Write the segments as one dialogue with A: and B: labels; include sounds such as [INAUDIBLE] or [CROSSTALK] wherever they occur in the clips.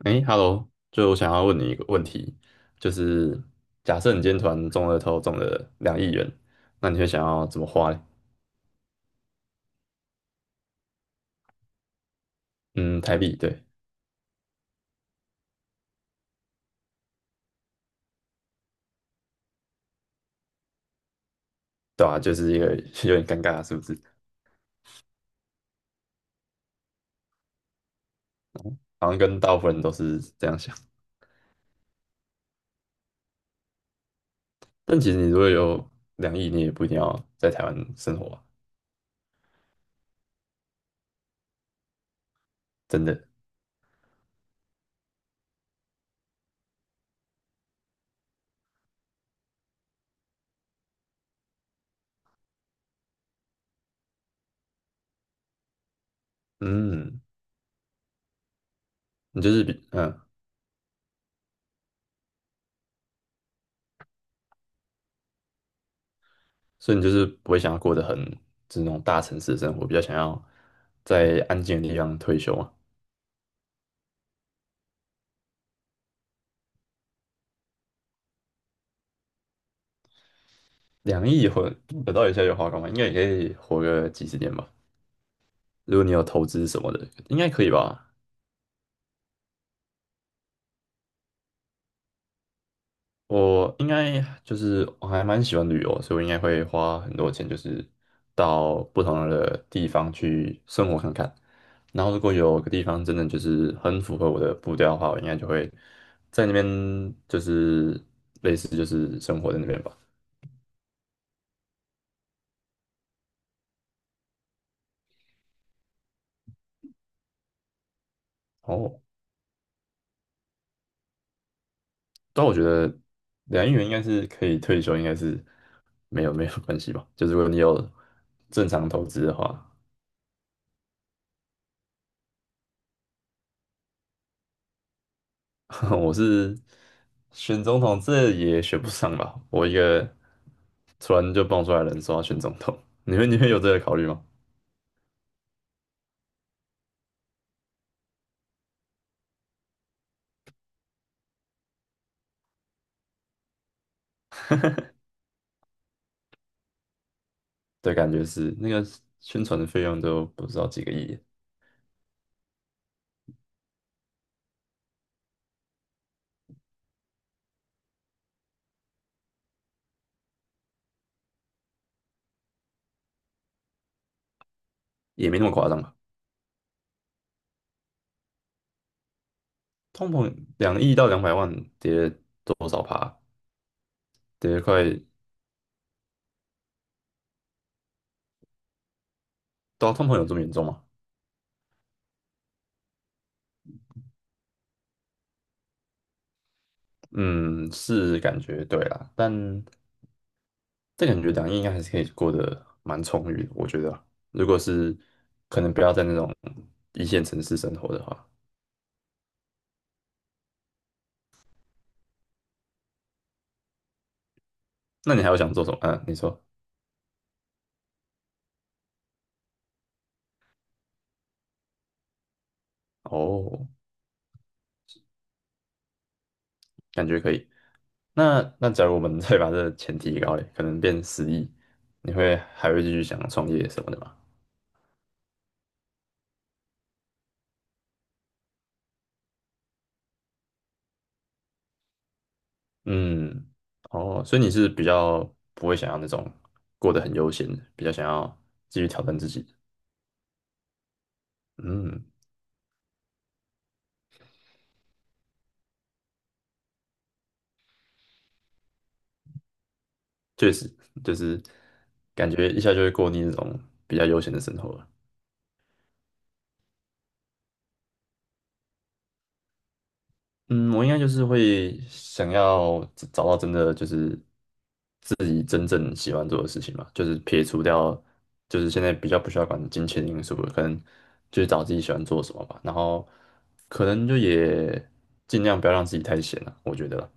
A: 哎，Hello，就我想要问你一个问题，就是假设你今天团中了头，中了两亿元，那你会想要怎么花嘞？嗯，台币，对，对啊，就是一个 [LAUGHS] 有点尴尬，是不是？好像跟大部分人都是这样想。但其实你如果有两亿，你也不一定要在台湾生活啊，真的。嗯，你就是比嗯，所以你就是不会想要过得很就是那种大城市的生活，比较想要在安静的地方退休啊。两亿或得到一下就花光吗？应该也可以活个几十年吧。如果你有投资什么的，应该可以吧？我应该就是我还蛮喜欢旅游，所以我应该会花很多钱，就是到不同的地方去生活看看。然后如果有个地方真的就是很符合我的步调的话，我应该就会在那边就是类似就是生活在那边吧。哦，但我觉得两亿元应该是可以退休，应该是没有关系吧。就是如果你有正常投资的话，[LAUGHS] 我是选总统，这也选不上吧。我一个突然就蹦出来的人说要选总统，你们有这个考虑吗？对，感觉是那个宣传的费用都不知道几个亿，也没那么夸张吧。通膨两亿到200万跌多少趴？跌快，到通膨有这么严重吗？嗯，是感觉对啦，但感觉两亿应该还是可以过得蛮充裕的，我觉得啊如果是可能不要在那种一线城市生活的话，那你还有想做什么？啊，你说哦，感觉可以。那假如我们 [LAUGHS] 再把这个钱提高嘞，可能变10亿，你会还会继续想创业什么的吗？嗯，哦，所以你是比较不会想要那种过得很悠闲的，比较想要继续挑战自己的嗯，确实，就是感觉一下就会过腻那种比较悠闲的生活了。嗯，我应该就是会想要找到真的就是自己真正喜欢做的事情嘛，就是撇除掉就是现在比较不需要管金钱因素了，可能就是找自己喜欢做什么吧，然后可能就也尽量不要让自己太闲了，我觉得啦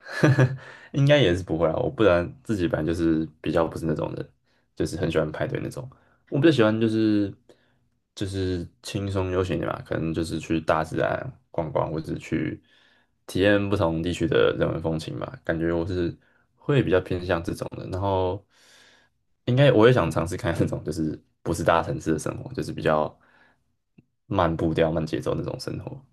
A: [LAUGHS] 应该也是不会啊，我不然自己本来就是比较不是那种人，就是很喜欢派对那种。我比较喜欢就是就是轻松悠闲的点吧，可能就是去大自然逛逛，或者去体验不同地区的人文风情吧。感觉我是会比较偏向这种的，然后应该我也想尝试看那种就是不是大城市的生活，就是比较慢步调、慢节奏那种生活。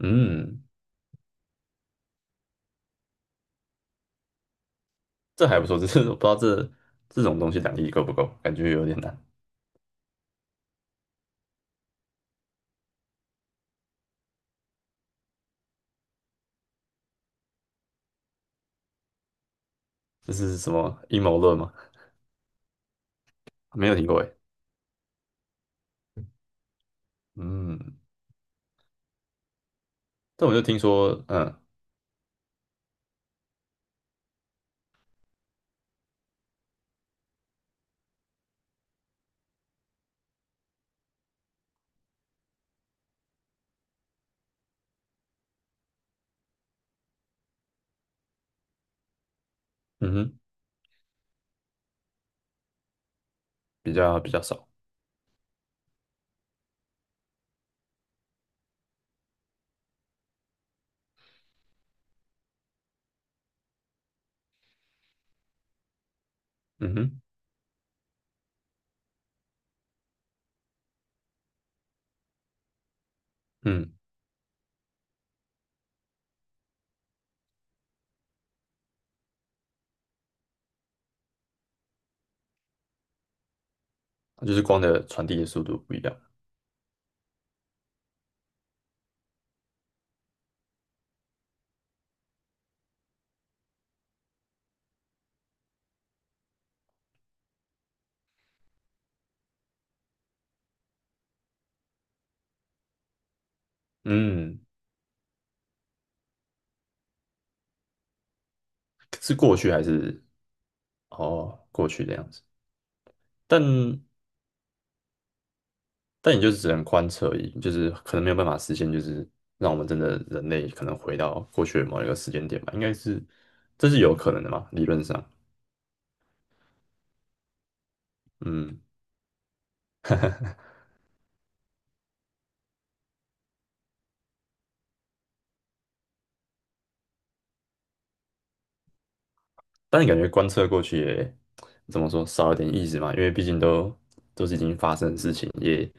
A: 嗯。这还不错，只是我不知道这种东西两亿够不够，感觉有点难。这是什么阴谋论吗？没有听过诶。嗯，但我就听说，嗯嗯哼，比较少，嗯哼，嗯，就是光的传递的速度不一样。嗯，是过去还是哦过去的样子？但但也就是只能观测而已，就是可能没有办法实现，就是让我们真的人类可能回到过去的某一个时间点吧，应该是这是有可能的嘛，理论上，嗯。但你感觉观测过去也怎么说少了点意思嘛？因为毕竟都是已经发生的事情，也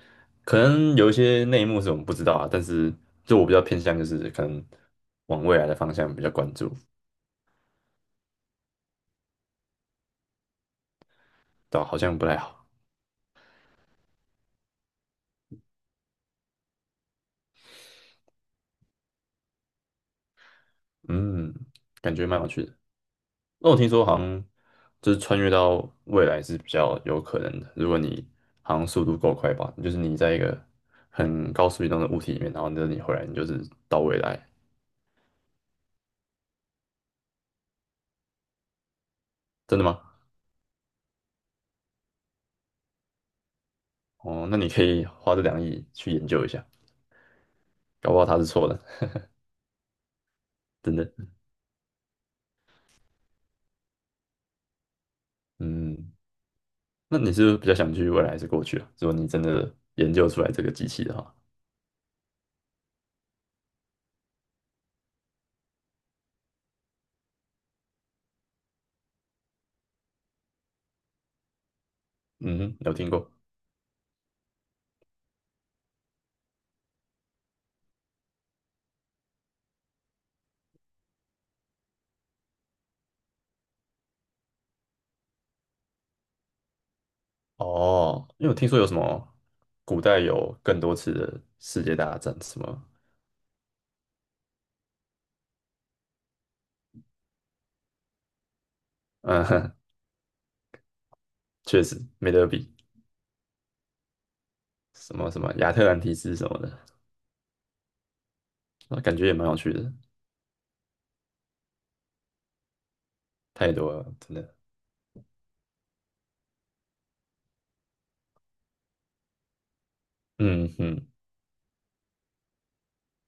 A: 可能有一些内幕是我们不知道啊。但是就我比较偏向就是可能往未来的方向比较关注，对吧？好像不太好，嗯，感觉蛮有趣的。那我听说好像就是穿越到未来是比较有可能的，如果你好像速度够快吧，就是你在一个很高速移动的物体里面，然后呢你回来你就是到未来，真的吗？哦，那你可以花这两亿去研究一下，搞不好他是错的，[LAUGHS] 真的。嗯，那你是不是比较想去未来还是过去啊？如果你真的研究出来这个机器的话，嗯哼有听过哦，因为我听说有什么古代有更多次的世界大战，什么，嗯 [LAUGHS] 确实没得比，什么什么亚特兰提斯什么的，那感觉也蛮有趣的，太多了，真的。嗯哼，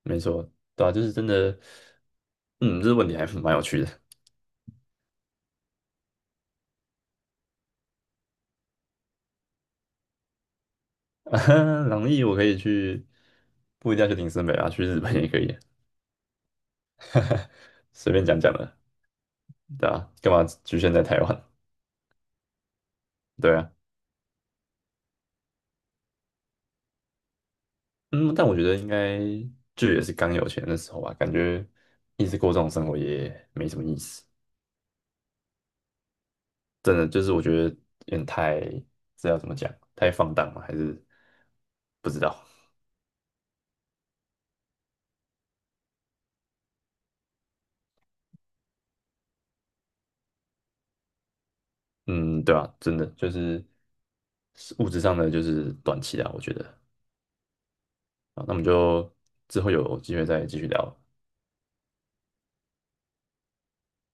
A: 没错，对啊，就是真的，嗯，这个问题还蛮有趣的。[LAUGHS] 啊，朗逸我可以去，不一定要去林森北啊，去日本也可以，[LAUGHS] 随便讲讲的，对啊，干嘛局限在台湾？[LAUGHS] 对啊，嗯，但我觉得应该就也是刚有钱的时候吧，感觉一直过这种生活也没什么意思，真的就是我觉得有点太，这要怎么讲，太放荡了，还是不知道，嗯，对啊，真的就是物质上的就是短期的，我觉得啊，那我们就之后有机会再继续聊。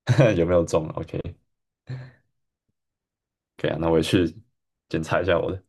A: [LAUGHS] 有没有中 OK 可以啊，那我也去检查一下我的。